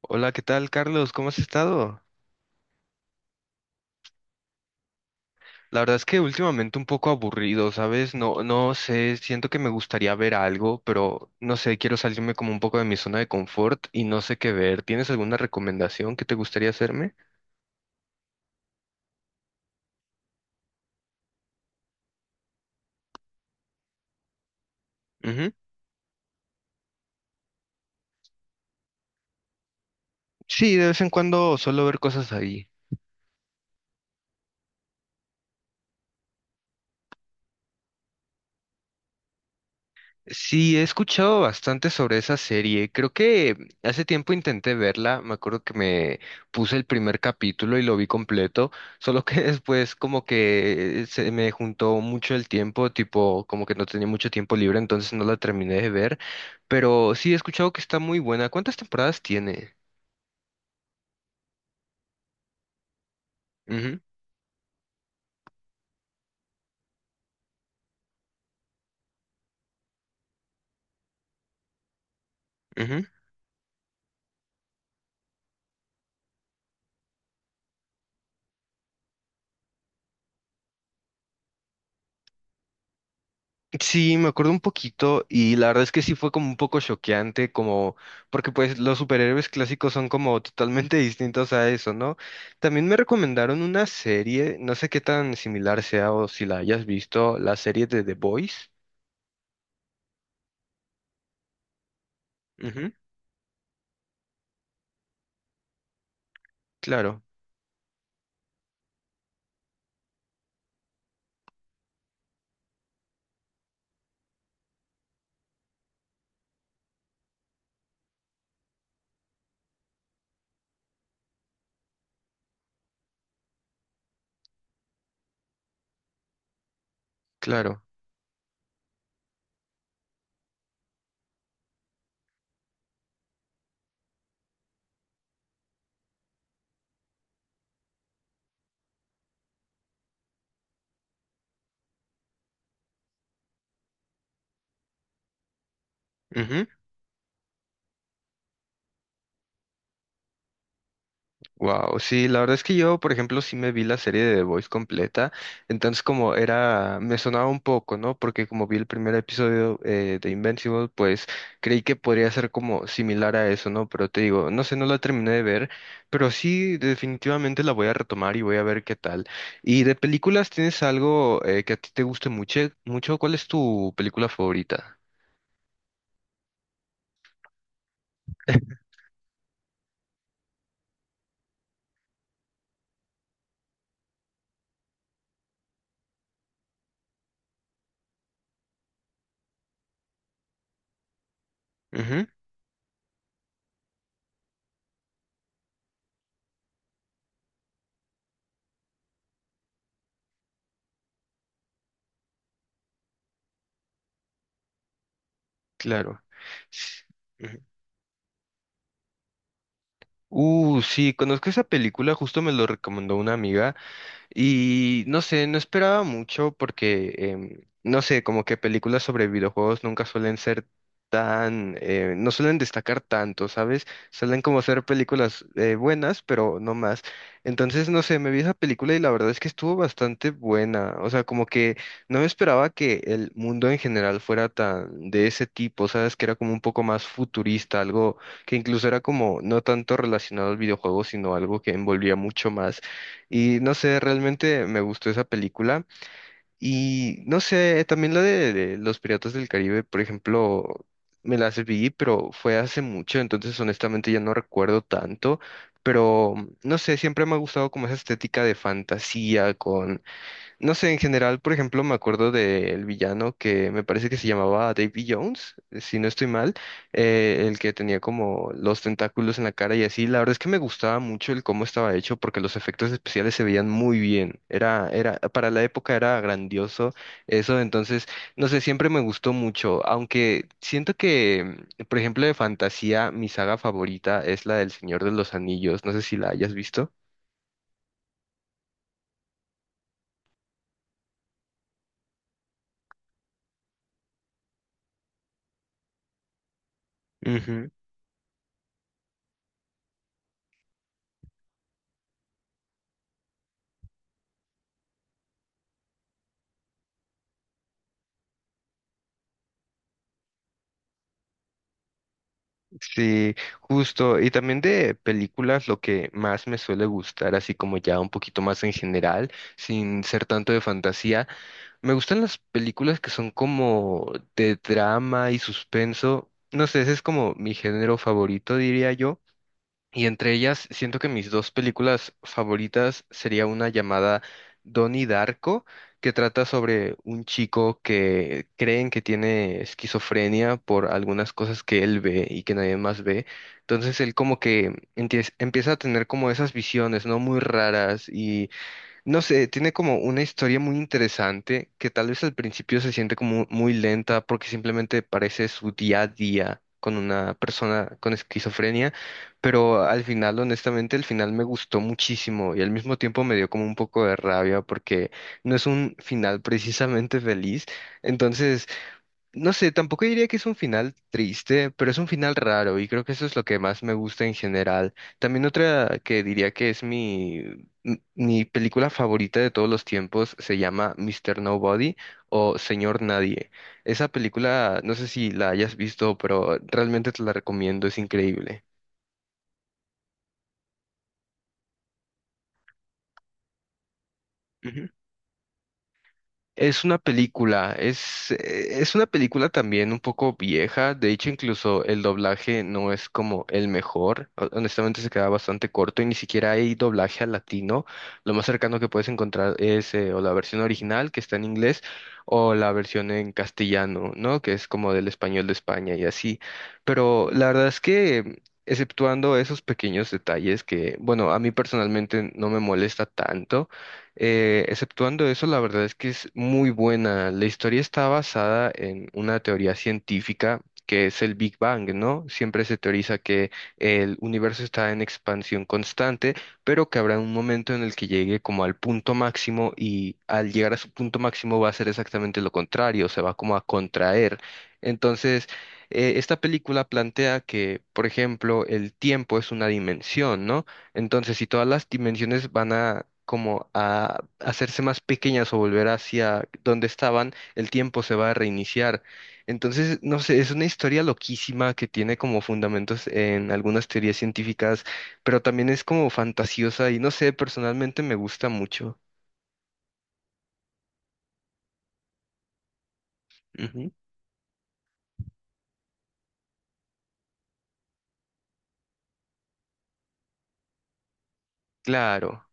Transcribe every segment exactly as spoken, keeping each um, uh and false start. Hola, ¿qué tal, Carlos? ¿Cómo has estado? La verdad es que últimamente un poco aburrido, ¿sabes? No, no sé, siento que me gustaría ver algo, pero no sé, quiero salirme como un poco de mi zona de confort y no sé qué ver. ¿Tienes alguna recomendación que te gustaría hacerme? Ujú. Sí, de vez en cuando solo ver cosas ahí. Sí, he escuchado bastante sobre esa serie. Creo que hace tiempo intenté verla. Me acuerdo que me puse el primer capítulo y lo vi completo. Solo que después como que se me juntó mucho el tiempo, tipo como que no tenía mucho tiempo libre, entonces no la terminé de ver. Pero sí, he escuchado que está muy buena. ¿Cuántas temporadas tiene? Ujú, ujú. Sí, me acuerdo un poquito y la verdad es que sí fue como un poco choqueante, como porque pues los superhéroes clásicos son como totalmente distintos a eso, ¿no? También me recomendaron una serie, no sé qué tan similar sea o si la hayas visto, la serie de The Boys. Ujú, claro, claro. Ujú. Wow, sí, la verdad es que yo, por ejemplo, sí me vi la serie de The Voice completa, entonces como era, me sonaba un poco, ¿no? Porque como vi el primer episodio eh, de Invincible, pues creí que podría ser como similar a eso, ¿no? Pero te digo, no sé, no la terminé de ver, pero sí, definitivamente la voy a retomar y voy a ver qué tal. ¿Y de películas tienes algo eh, que a ti te guste mucho? mucho? Cuál es tu película favorita? Ujú, claro. S- Ujú. Uh, sí, conozco esa película, justo me lo recomendó una amiga. Y no sé, no esperaba mucho porque, em, no sé, como que películas sobre videojuegos nunca suelen ser tan, eh, no suelen destacar tanto, ¿sabes? Suelen como ser películas eh, buenas, pero no más. Entonces, no sé, me vi esa película y la verdad es que estuvo bastante buena. O sea, como que no me esperaba que el mundo en general fuera tan de ese tipo, ¿sabes? Que era como un poco más futurista, algo que incluso era como no tanto relacionado al videojuego, sino algo que envolvía mucho más. Y no sé, realmente me gustó esa película. Y no sé, también la de, de Los Piratas del Caribe, por ejemplo, me la vi, pero fue hace mucho, entonces honestamente ya no recuerdo tanto. Pero no sé, siempre me ha gustado como esa estética de fantasía, con no sé, en general, por ejemplo, me acuerdo del villano que me parece que se llamaba Davy Jones, eh, si no estoy mal, eh, el que tenía como los tentáculos en la cara y así. La verdad es que me gustaba mucho el cómo estaba hecho porque los efectos especiales se veían muy bien. Era, era, para la época era grandioso eso, entonces, no sé, siempre me gustó mucho, aunque siento que, por ejemplo, de fantasía, mi saga favorita es la del Señor de los Anillos. No sé si la hayas visto. Sí, justo. Y también de películas, lo que más me suele gustar, así como ya un poquito más en general, sin ser tanto de fantasía, me gustan las películas que son como de drama y suspenso. No sé, ese es como mi género favorito, diría yo. Y entre ellas, siento que mis dos películas favoritas sería una llamada Donnie Darko, que trata sobre un chico que creen que tiene esquizofrenia por algunas cosas que él ve y que nadie más ve. Entonces él como que entie- empieza a tener como esas visiones, ¿no? Muy raras no sé, tiene como una historia muy interesante que tal vez al principio se siente como muy lenta porque simplemente parece su día a día con una persona con esquizofrenia, pero al final, honestamente, el final me gustó muchísimo y al mismo tiempo me dio como un poco de rabia porque no es un final precisamente feliz. Entonces, no sé, tampoco diría que es un final triste, pero es un final raro y creo que eso es lo que más me gusta en general. También otra que diría que es mi, m- mi película favorita de todos los tiempos se llama Mister Nobody o Señor Nadie. Esa película, no sé si la hayas visto, pero realmente te la recomiendo, es increíble. Es una película, es, eh, es una película también un poco vieja, de hecho incluso el doblaje no es como el mejor, ho- honestamente se queda bastante corto y ni siquiera hay doblaje al latino, lo más cercano que puedes encontrar es eh, o la versión original que está en inglés o la versión en castellano, ¿no? Que es como del español de España y así, pero la verdad es que... Exceptuando esos pequeños detalles que, bueno, a mí personalmente no me molesta tanto, eh, exceptuando eso, la verdad es que es muy buena. La historia está basada en una teoría científica que es el Big Bang, ¿no? Siempre se teoriza que el universo está en expansión constante, pero que habrá un momento en el que llegue como al punto máximo y al llegar a su punto máximo va a ser exactamente lo contrario, se va como a contraer. Entonces, eh, esta película plantea que, por ejemplo, el tiempo es una dimensión, ¿no? Entonces, si todas las dimensiones van a como a hacerse más pequeñas o volver hacia donde estaban, el tiempo se va a reiniciar. Entonces, no sé, es una historia loquísima que tiene como fundamentos en algunas teorías científicas, pero también es como fantasiosa y no sé, personalmente me gusta mucho. Ujú. Claro,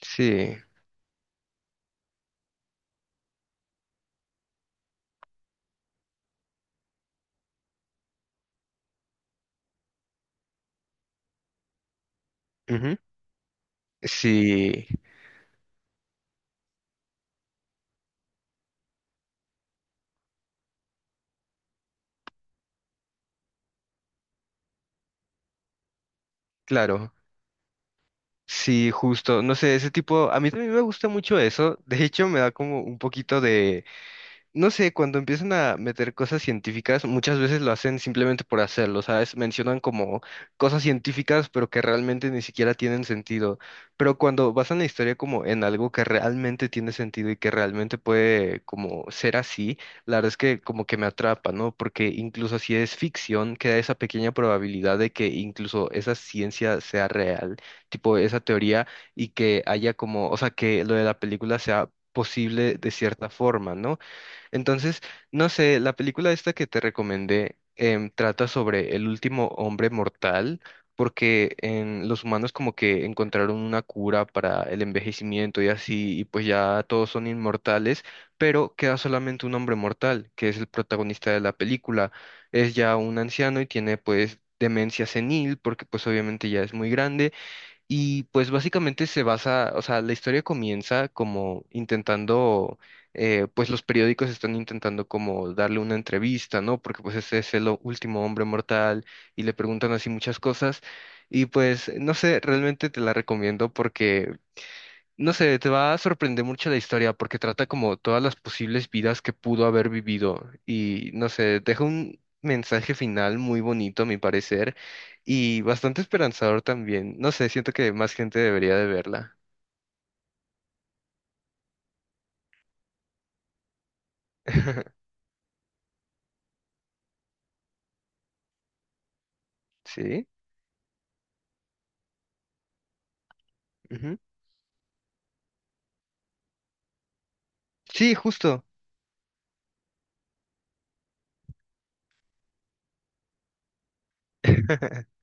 sí. Ujú. Sí, claro. Sí, justo. No sé, ese tipo, a mí también me gusta mucho eso. De hecho, me da como un poquito de no sé, cuando empiezan a meter cosas científicas, muchas veces lo hacen simplemente por hacerlo, ¿sabes? Mencionan como cosas científicas, pero que realmente ni siquiera tienen sentido. Pero cuando basan la historia como en algo que realmente tiene sentido y que realmente puede como ser así, la verdad es que como que me atrapa, ¿no? Porque incluso si es ficción, queda esa pequeña probabilidad de que incluso esa ciencia sea real, tipo esa teoría, y que haya como, o sea, que lo de la película sea posible de cierta forma, ¿no? Entonces, no sé, la película esta que te recomendé em, trata sobre el último hombre mortal, porque en los humanos como que encontraron una cura para el envejecimiento y así, y pues ya todos son inmortales, pero queda solamente un hombre mortal, que es el protagonista de la película. Es ya un anciano y tiene pues demencia senil, porque pues obviamente ya es muy grande y pues básicamente se basa, o sea, la historia comienza como intentando, eh, pues los periódicos están intentando como darle una entrevista, ¿no? Porque pues ese es el o- último hombre mortal y le preguntan así muchas cosas. Y pues, no sé, realmente te la recomiendo porque no sé, te va a sorprender mucho la historia porque trata como todas las posibles vidas que pudo haber vivido y no sé, deja un mensaje final muy bonito a mi parecer y bastante esperanzador también. No sé, siento que más gente debería de verla. ¿Sí? Ujú. Sí, justo.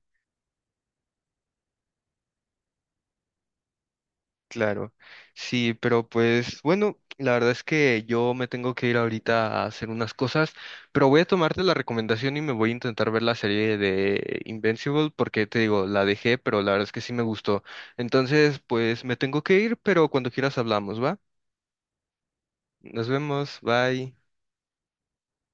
Claro, sí, pero pues bueno, la verdad es que yo me tengo que ir ahorita a hacer unas cosas, pero voy a tomarte la recomendación y me voy a intentar ver la serie de Invincible porque te digo, la dejé, pero la verdad es que sí me gustó. Entonces, pues me tengo que ir, pero cuando quieras hablamos, ¿va? Nos vemos, bye.